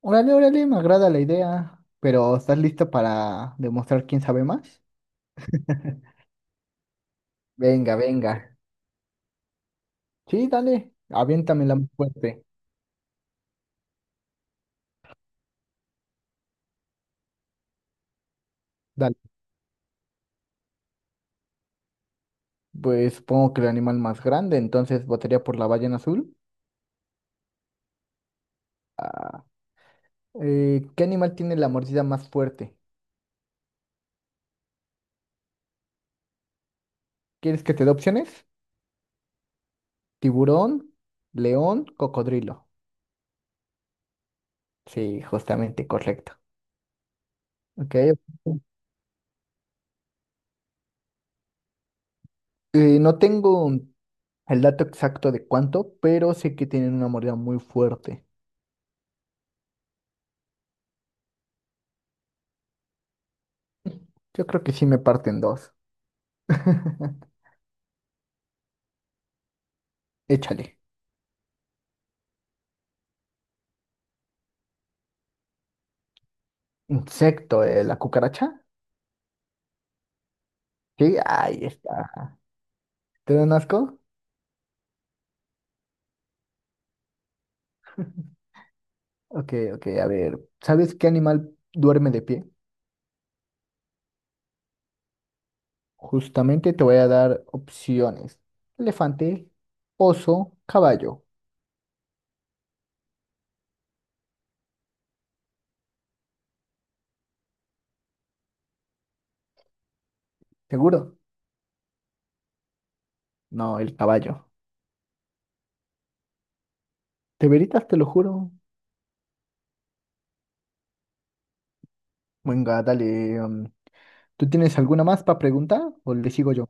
Órale, órale, me agrada la idea, pero ¿estás listo para demostrar quién sabe más? Venga, venga. Sí, dale, aviéntame la más fuerte. Dale. Pues supongo que el animal más grande, entonces votaría por la ballena azul. ¿Qué animal tiene la mordida más fuerte? ¿Quieres que te dé opciones? Tiburón, león, cocodrilo. Sí, justamente, correcto. Ok. No tengo el dato exacto de cuánto, pero sé que tienen una mordida muy fuerte. Yo creo que sí me parten dos. Échale. Insecto, la cucaracha. Sí, ahí está. ¿Te dan asco? Ok, ok, a ver. ¿Sabes qué animal duerme de pie? Justamente te voy a dar opciones. Elefante, oso, caballo. ¿Seguro? No, el caballo. ¿Te veritas? Te lo juro. Venga, dale. ¿Tú tienes alguna más para preguntar o le sigo yo?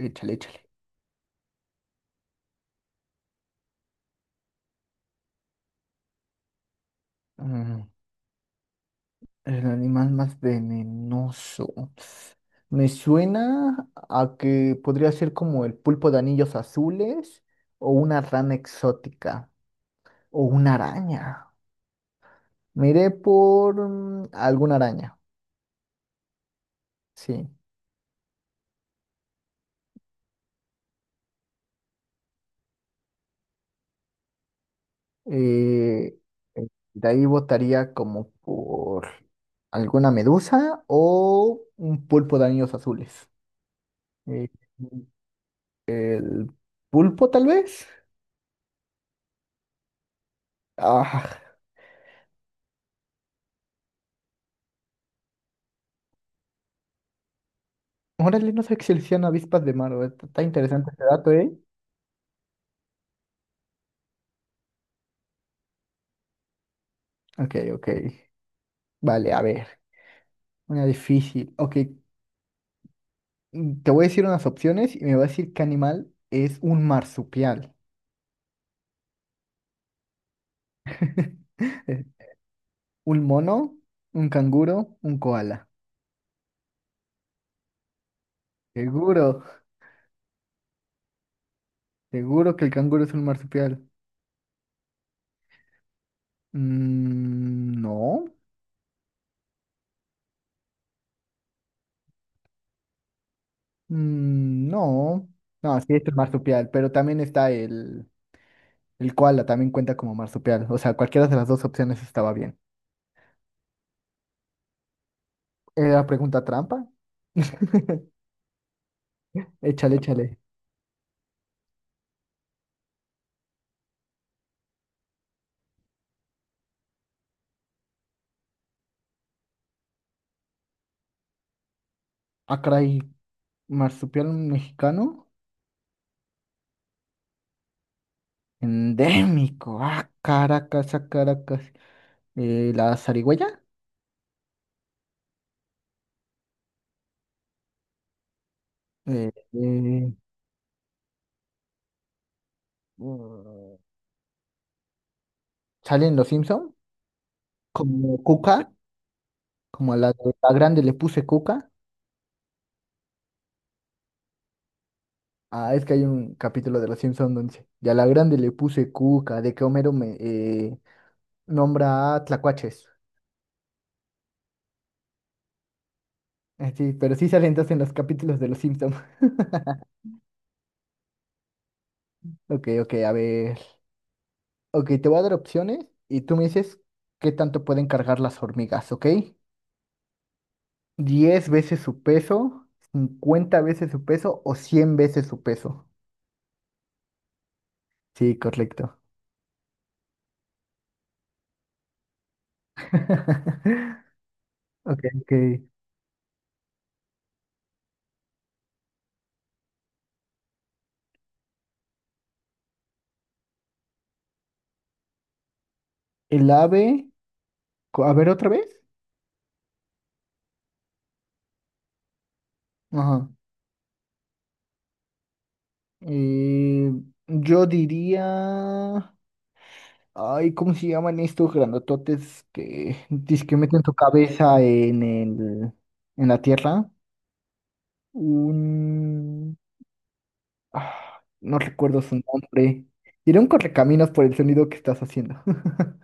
Échale, échale. Mm, El animal más venenoso. Me suena a que podría ser como el pulpo de anillos azules o una rana exótica o una araña. Me iré por alguna araña, sí. Eh, eh, de ahí votaría como por alguna medusa o un pulpo de anillos azules. Eh, el pulpo tal vez. Ah, órale, no sé que seleccionan avispas de mar, güey. Está interesante este dato, ¿eh? Ok, ok. Vale, a ver, una difícil. Ok, te voy a decir unas opciones y me vas a decir qué animal es un marsupial. Eh, ¿Un mono? ¿Un canguro? ¿Un koala? Seguro, seguro que el canguro es un marsupial. Mm, no. Mm, no. No, sí es un marsupial, pero también está el koala, también cuenta como marsupial. O sea, cualquiera de las dos opciones estaba bien. ¿Era pregunta trampa? Échale, échale. Ah, caray, marsupial mexicano. Endémico. Ah, Caracas, ah, Caracas. ¿La zarigüeya? Eh, eh, mm, ¿Sale en Los Simpson? Como Cuca, como a la, la grande le puse Cuca. Ah, es que hay un capítulo de Los Simpson donde dice, y a la grande le puse Cuca, de que Homero me nombra a tlacuaches. Sí, pero sí salen entonces en los capítulos de Los Simpson. Ok, ok, a ver. Ok, te voy a dar opciones y tú me dices qué tanto pueden cargar las hormigas, ¿ok? 10 veces su peso, 50 veces su peso o 100 veces su peso. Sí, correcto. Ok, ok. El ave, a ver otra vez. Ajá. Eh, yo diría, ay, ¿cómo se llaman estos grandototes que meten tu cabeza en en la tierra? Un... Ah, no recuerdo su nombre. Iré un correcaminos por el sonido que estás haciendo.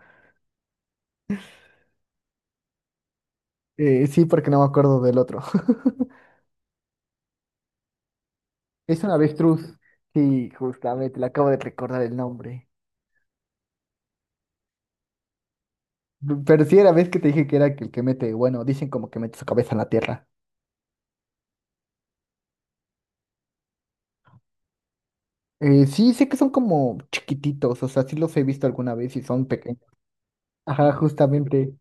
Sí, porque no me acuerdo del otro. Es una avestruz. Sí, justamente, le acabo de recordar el nombre. Pero sí, era vez que te dije que era el que mete, bueno, dicen como que mete su cabeza en la tierra. Sí, sé que son como chiquititos, o sea, sí los he visto alguna vez y son pequeños. Ajá, justamente,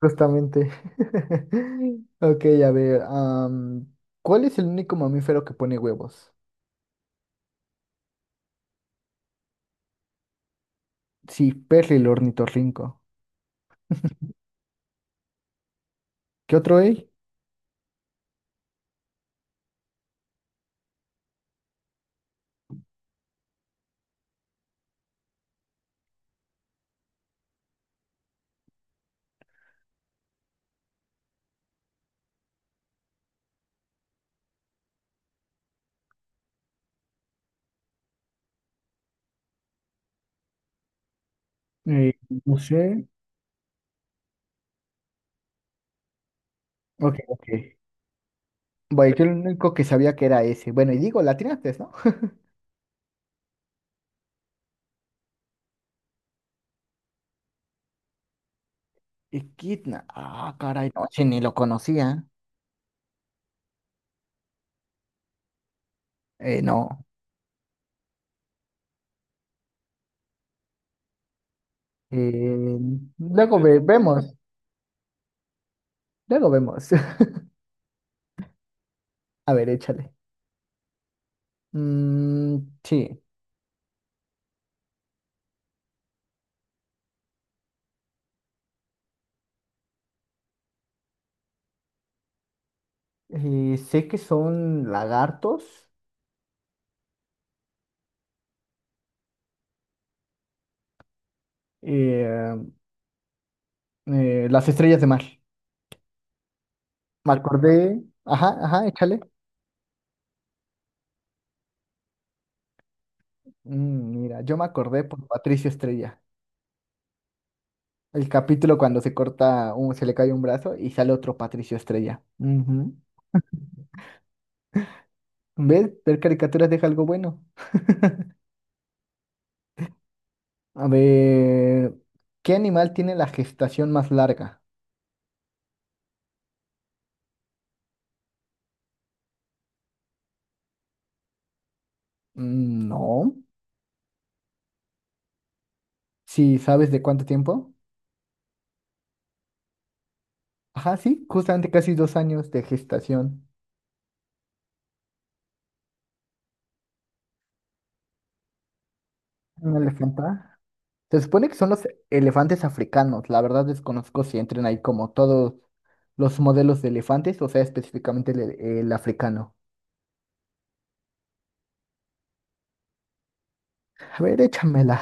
justamente. Ok, a ver, ¿cuál es el único mamífero que pone huevos? Sí, Perry el ornitorrinco. ¿Qué otro hay? Eh, no sé. Ok, ok. Bueno, yo el único que sabía que era ese. Bueno, y digo, la tiraste, ¿no? Equidna. Ah, caray, no, che, ni lo conocía. No. Eh, Luego vemos. Luego vemos. A ver, échale. Mm, sí. Sé que son lagartos. eh, las estrellas de mar. Me acordé. Ajá, ajá, échale. Mm, mira, yo me acordé por Patricio Estrella. El capítulo cuando se corta, se le cae un brazo y sale otro Patricio Estrella. Ujú. ¿Ves? Ver caricaturas deja algo bueno. A ver, ¿qué animal tiene la gestación más larga? Mm, no. Si sabes de cuánto tiempo? Ajá, sí, justamente casi 2 años de gestación. ¿Un elefante? Se supone que son los elefantes africanos. La verdad desconozco si entren ahí como todos los modelos de elefantes, o sea, específicamente el africano. A ver, échamela.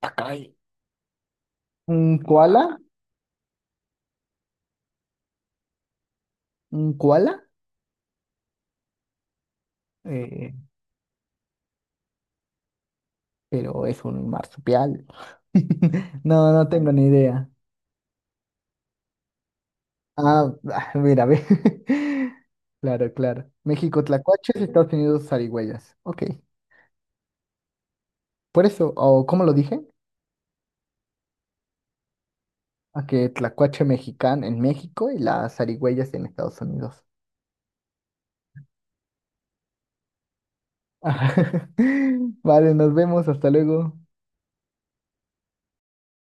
Acá... Un koala, un koala, eh, pero es un marsupial. No, no tengo ni idea. Ah, ah, mira, ve. Claro, claro. México, tlacuaches, Estados Unidos, zarigüeyas. Ok. Por eso, o ¿cómo lo dije? A que tlacuache mexicano en México y las zarigüeyas en Estados Unidos. Vale, nos vemos, hasta luego.